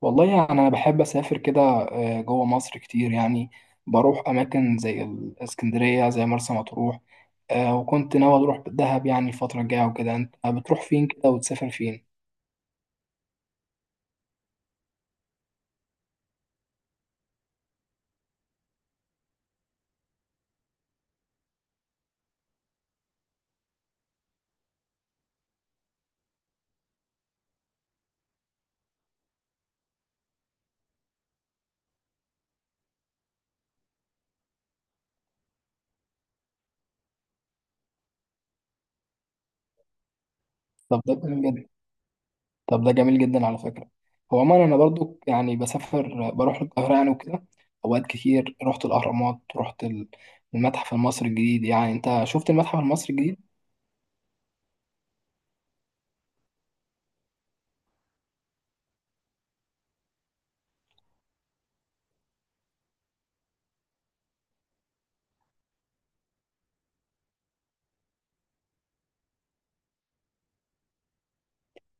والله يعني أنا بحب أسافر كده جوه مصر كتير يعني. بروح أماكن زي الإسكندرية زي مرسى مطروح. وكنت ناوي أروح دهب يعني الفترة الجاية وكده، أنت بتروح فين كده وتسافر فين؟ طب ده جميل جدا طب ده جميل جدا على فكرة. هو عموما أنا برضو يعني بسافر بروح القاهرة يعني وكده. أوقات كتير رحت الأهرامات، رحت المتحف المصري الجديد. يعني أنت شفت المتحف المصري الجديد؟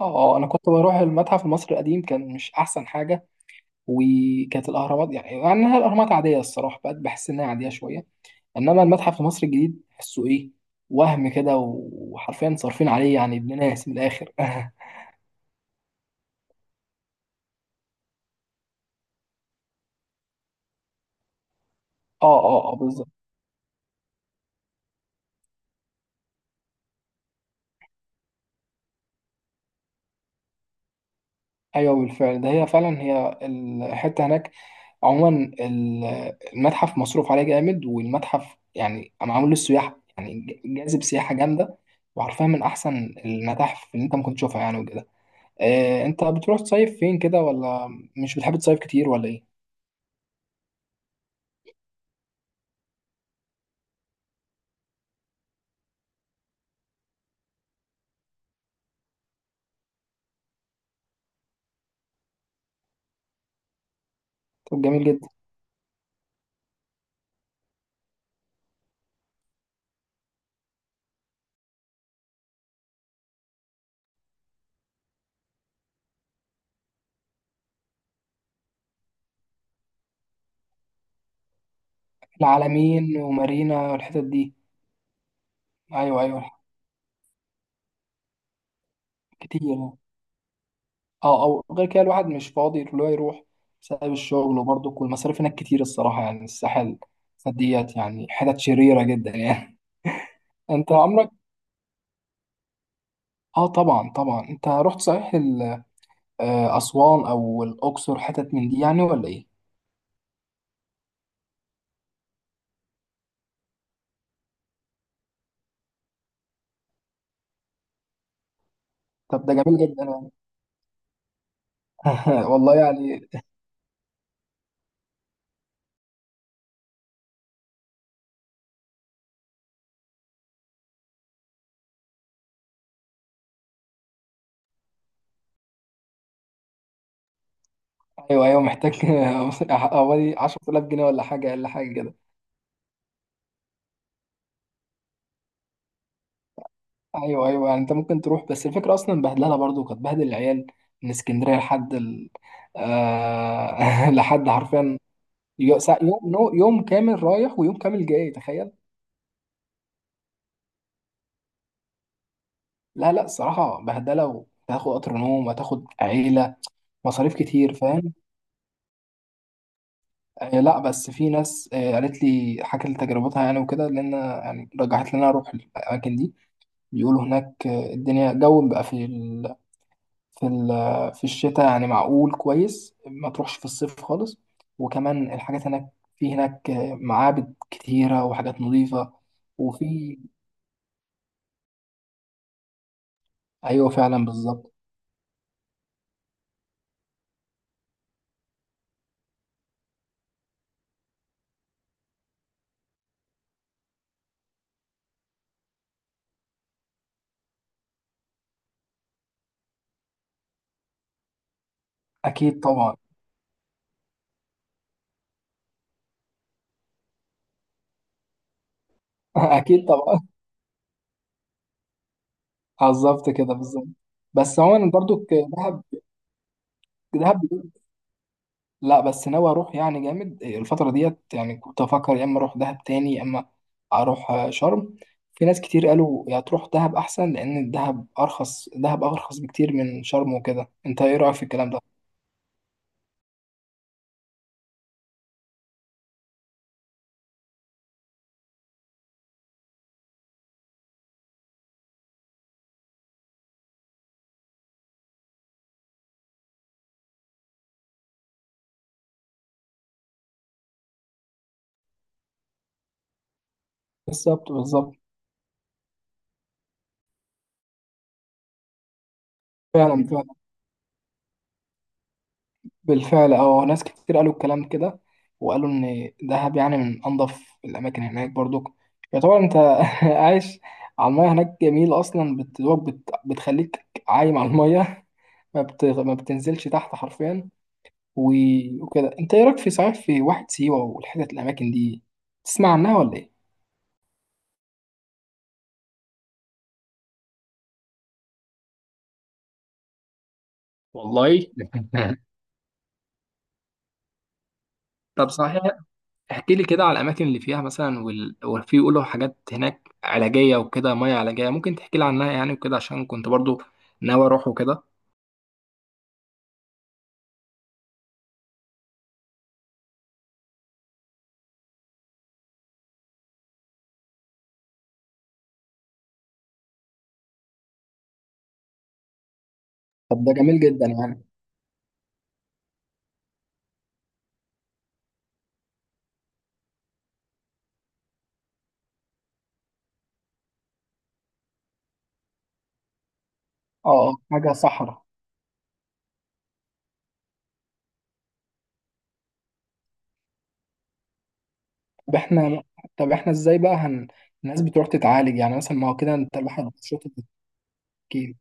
اه، أنا كنت بروح المتحف المصري القديم كان مش أحسن حاجة. وكانت الاهرامات يعني مع انها الاهرامات عاديه الصراحه، بقت بحس انها عاديه شويه. انما المتحف في مصر الجديد تحسه ايه، وهم كده وحرفيا صارفين عليه يعني ابن ناس من الاخر. اه. اه اه بالظبط. ايوه بالفعل ده هي فعلا، هي الحته هناك. عموما المتحف مصروف عليه جامد، والمتحف يعني معمول للسياح يعني جاذب سياحه جامده. وعارفها من احسن المتاحف اللي انت ممكن تشوفها يعني وكده. انت بتروح تصيف فين كده، ولا مش بتحب تصيف كتير ولا ايه؟ طب جميل جدا. العلمين ومارينا والحتت دي. ايوه ايوه كتير. اه، او غير كده الواحد مش فاضي اللي هو يروح بسبب الشغل، وبرضه كل المصاريف هناك كتير الصراحه يعني الساحل ديت يعني حتت شريره جدا يعني. انت عمرك. اه طبعا طبعا، انت رحت صحيح اسوان او الاقصر حتت من دي يعني ولا ايه؟ طب ده جميل جدا يعني. والله يعني. ايوه ايوه محتاج. حوالي 10,000 جنيه ولا حاجه اقل حاجه كده. ايوه ايوه، يعني انت ممكن تروح بس الفكره اصلا بهدلها، برضو كانت بهدل العيال من اسكندريه لحد لحد حرفيا. يوم كامل رايح ويوم كامل جاي، تخيل. لا لا الصراحه بهدله، وتاخد قطر نوم وتاخد عيله مصاريف كتير فاهم. لا، بس في ناس، قالت لي حكت لي تجربتها يعني وكده، لان يعني رجحت لي ان انا اروح الاماكن دي. بيقولوا هناك الدنيا جو بقى في الشتاء يعني معقول كويس. ما تروحش في الصيف خالص. وكمان الحاجات هناك، في هناك معابد كتيرة وحاجات نظيفة وفي. أيوة فعلا بالظبط. أكيد طبعا. أكيد طبعا. بالظبط كده بالظبط. بس عموما برضو دهب دهب. لا بس ناوي اروح يعني جامد الفتره ديت يعني. كنت افكر يا اما اروح دهب تاني يا اما اروح شرم. في ناس كتير قالوا يا تروح دهب احسن، لان الدهب ارخص دهب ارخص بكتير من شرم وكده. انت ايه رايك في الكلام ده؟ بالظبط بالظبط. فعلا فعلا بالفعل. اه ناس كتير قالوا الكلام كده، وقالوا ان دهب يعني من انظف الاماكن هناك برضو. يعتبر انت عايش على المايه هناك. جميل اصلا دوب بتخليك عايم على المايه. ما بتنزلش تحت حرفيا. وكده، انت ايه رايك في صحيح في واحد سيوه والحتت الاماكن دي، تسمع عنها ولا ايه؟ والله. طب صحيح احكي لي كده على الاماكن اللي فيها مثلا وفي يقولوا حاجات هناك علاجيه وكده، ميه علاجيه ممكن تحكي لي عنها يعني وكده، عشان كنت برضو ناوي اروح وكده. طب ده جميل جدا يعني. اه اه حاجه صحراء. طب احنا طب احنا ازاي بقى الناس بتروح تتعالج يعني مثلا؟ ما هو كده انت الواحد بيشوط التفكير.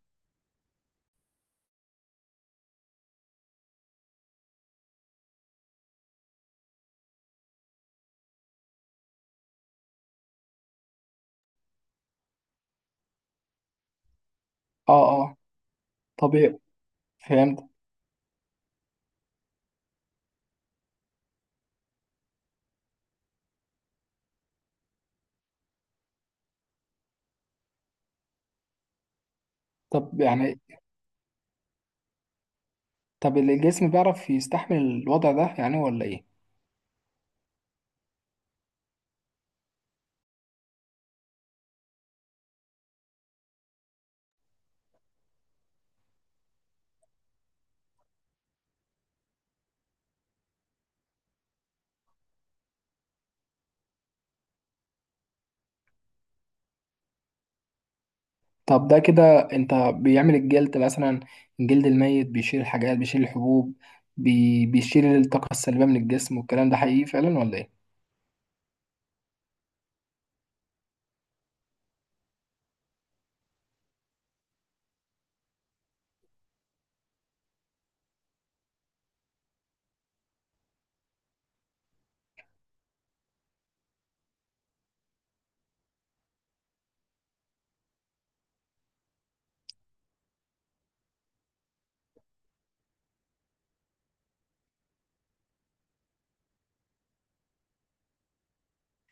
اه اه طبيعي فهمت. طب يعني طب الجسم بيعرف يستحمل الوضع ده يعني ولا ايه؟ طب ده كده انت بيعمل الجلد الميت بيشيل الحاجات، بيشيل الحبوب، بيشيل الطاقة السلبية من الجسم، والكلام ده حقيقي فعلا ولا ايه؟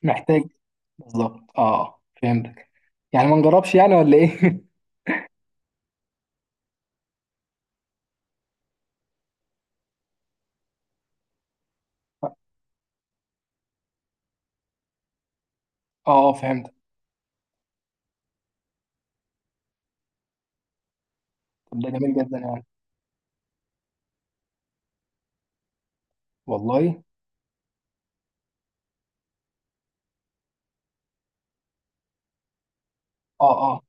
محتاج بالظبط اه، فهمتك. يعني ما نجربش يعني ولا ايه؟ اه اه فهمت. طب ده جميل جدا يعني، والله. اه اه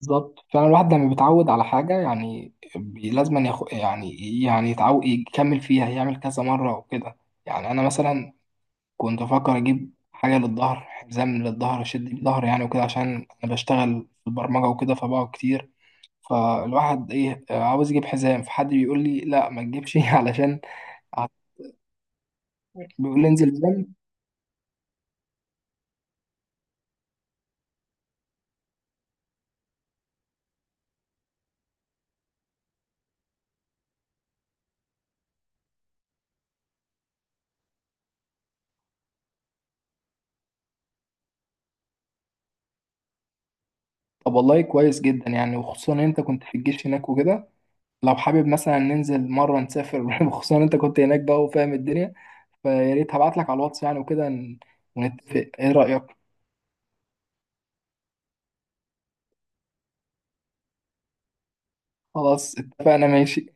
بالظبط فعلا. الواحد لما بيتعود على حاجة يعني لازم أن يعني يتعود يكمل فيها يعمل كذا مرة وكده. يعني أنا مثلا كنت بفكر اجيب حاجه للظهر حزام للظهر اشد بيه ظهري يعني وكده، عشان انا بشتغل في البرمجه وكده فبقعد كتير. فالواحد ايه آه، عاوز يجيب حزام، فحد بيقول لي لا ما تجيبش. علشان بيقول لي انزل جيم. طب والله كويس جدا يعني، وخصوصا إن انت كنت في الجيش هناك وكده. لو حابب مثلا ننزل مره نسافر وخصوصا إن انت كنت هناك بقى وفاهم الدنيا. فيا ريت هبعت لك على الواتس يعني وكده ونتفق، ايه رايك؟ خلاص اتفقنا ماشي.